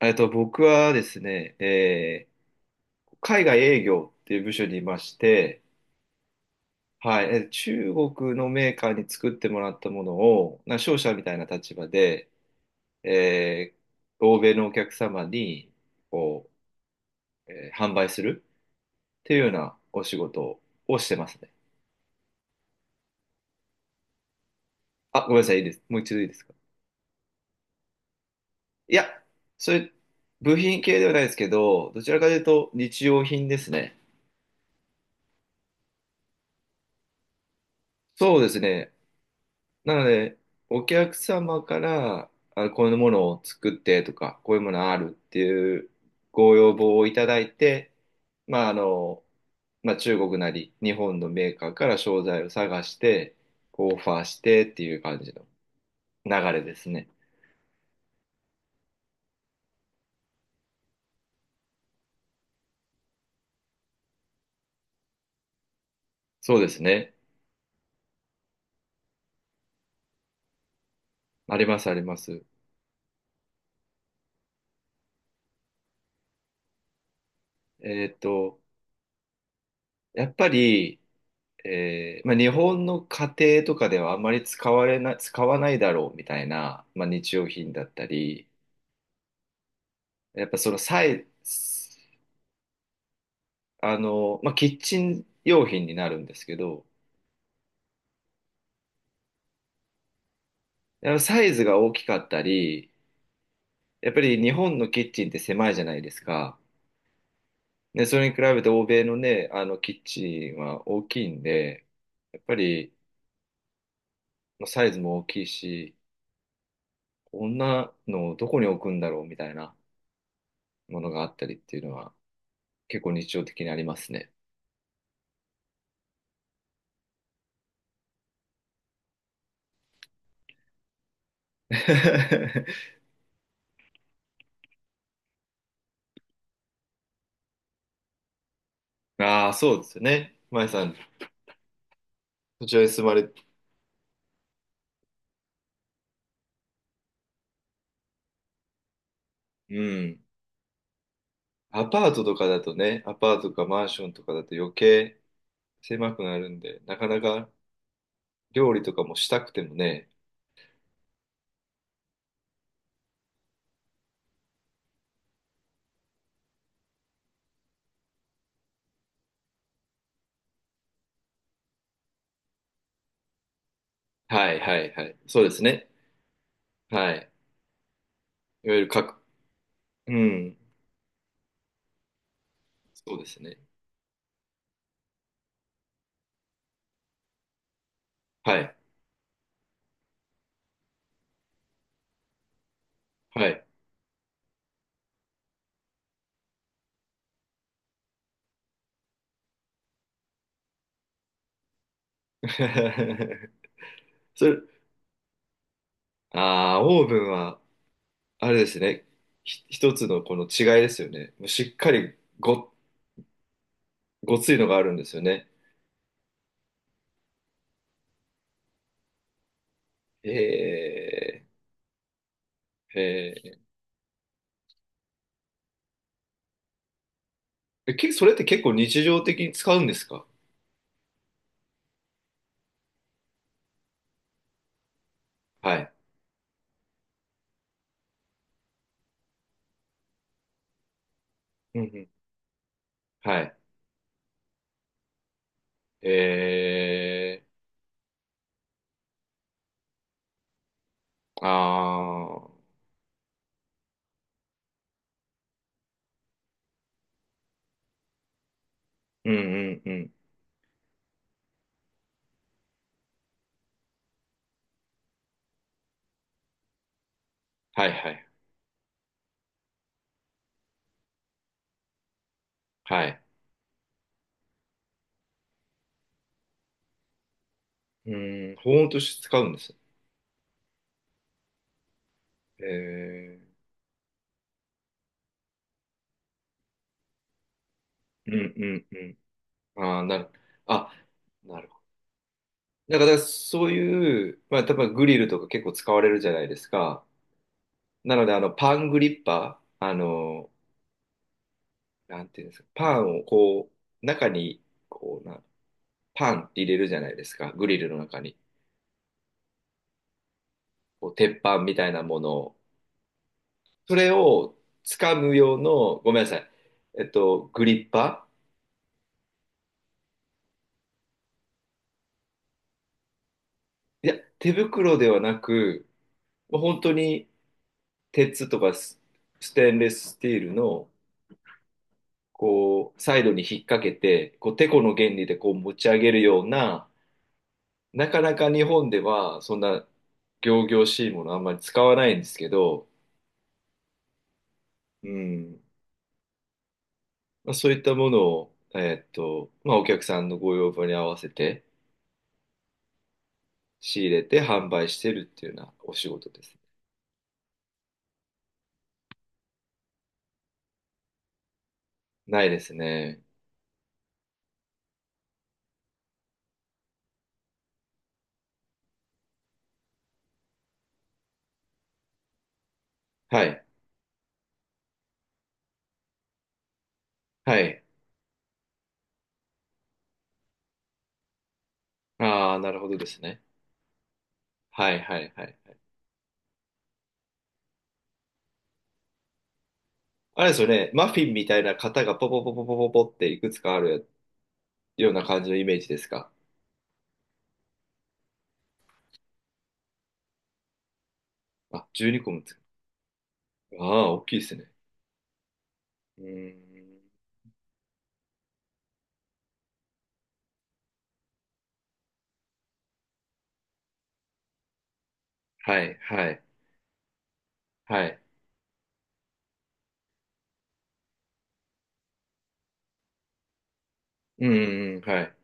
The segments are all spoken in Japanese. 僕はですね、海外営業っていう部署にいまして、はい、中国のメーカーに作ってもらったものを、な商社みたいな立場で、えー欧米のお客様にこう、販売するっていうようなお仕事をしてますね。あ、ごめんなさい、いいです。もう一度いいですか。いや、それ、部品系ではないですけど、どちらかというと日用品ですね。そうですね。なので、お客様から、あ、こういうものを作ってとか、こういうものあるっていうご要望をいただいて、まあ、あの、まあ、中国なり日本のメーカーから商材を探して、こうオファーしてっていう感じの流れですね。そうですね。あります、あります。えっと、やっぱり、まあ、日本の家庭とかではあまり使われな、使わないだろうみたいな、まあ、日用品だったり、やっぱそのさい、あの、まあ、キッチン用品になるんですけど、やっぱサイズが大きかったり、やっぱり日本のキッチンって狭いじゃないですか。で、それに比べて欧米のね、あのキッチンは大きいんで、やっぱりまあサイズも大きいし、こんなのをどこに置くんだろうみたいなものがあったりっていうのは結構日常的にありますね。ああ、そうですよね。まえさん、そちらに住まれ、うん。アパートとかだとね、アパートとかマンションとかだと余計狭くなるんで、なかなか料理とかもしたくてもね。はいはいはい。そうですね。はい。いわゆる各、うん。そうですね。はい。はい。それ、ああ、オーブンは、あれですね。一つのこの違いですよね。もうしっかりご、ごついのがあるんですよね。ええ、ええ、えけそれって結構日常的に使うんですか？はい。うんうん。はい。えー、ああ、うんうんうん。はいはい。はい。うん、保温として使うんです。えー、うんうんうん。あ、なるほど。だからそういう、まあ、多分グリルとか結構使われるじゃないですか。なので、あの、パングリッパー、あの、なんていうんですか、パンをこう、中に、こうな、パンって入れるじゃないですか、グリルの中に。こう、鉄板みたいなものを。それを掴む用の、ごめんなさい、グリッパーいや、手袋ではなく、もう本当に鉄とかス、ステンレススチールの、こう、サイドに引っ掛けて、こう、テコの原理でこう持ち上げるような、なかなか日本ではそんな仰々しいものあんまり使わないんですけど、うん、まあ、そういったものを、まあ、お客さんのご要望に合わせて仕入れて販売してるっていうようなお仕事ですね。ないですね。はい。はい。ああ、なるほどですね。はいはいはい。あれですよね。マフィンみたいな型がポポポポポポポっていくつかあるような感じのイメージですか？あ、12個もつああ、大きいですね。うーん。はいはいはい。うーん、はい。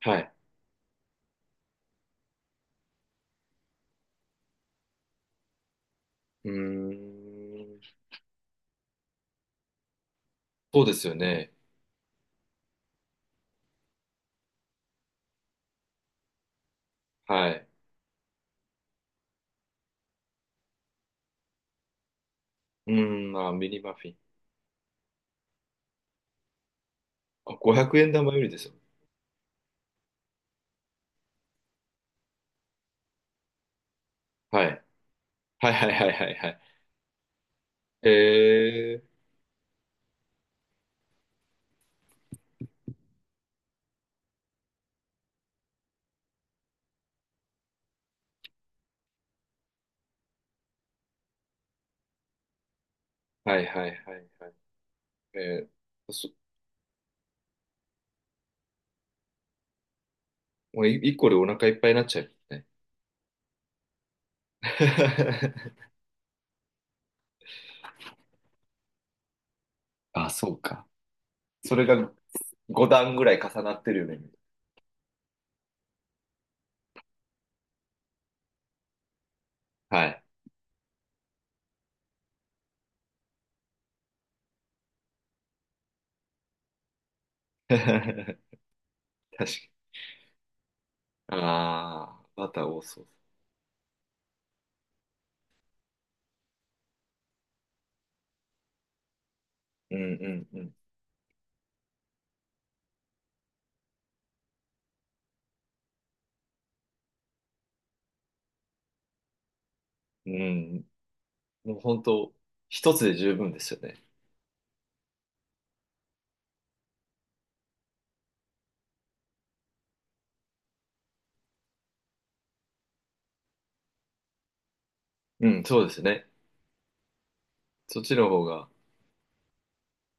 はい。うーん。そうですよね。はい。うーん、あ、ミニマフィン。あ、500円玉よりですよ。はい。はいはいはいはいはい。えー。はいはいはいはい。えーそもう一個でお腹いっぱいになっちゃうね。あ、そうか。それが5段ぐらい重なってるよね。はい。確かに。ああ、バター多そう。うんうんうん。うん。もう本当、一つで十分ですよね。うん、そうですね。そっちの方が、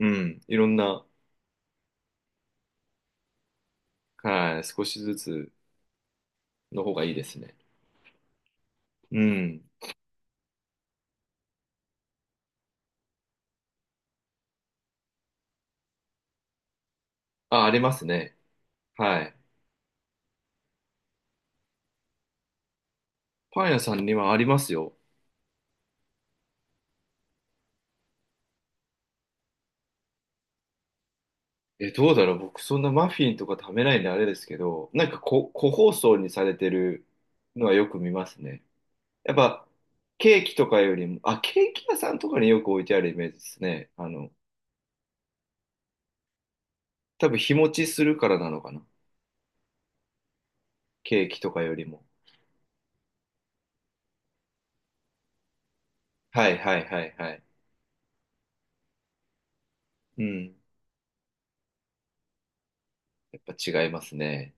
うん、いろんな、はい、少しずつの方がいいですね。うん。あ、ありますね。はい。パン屋さんにはありますよ。え、どうだろう僕そんなマフィンとか食べないんであれですけど、なんかこ、個包装にされてるのはよく見ますね。やっぱ、ケーキとかよりも、あ、ケーキ屋さんとかによく置いてあるイメージですね。あの、多分日持ちするからなのかな。ケーキとかよりも。はいはいはいはい。うん。やっぱ違いますね。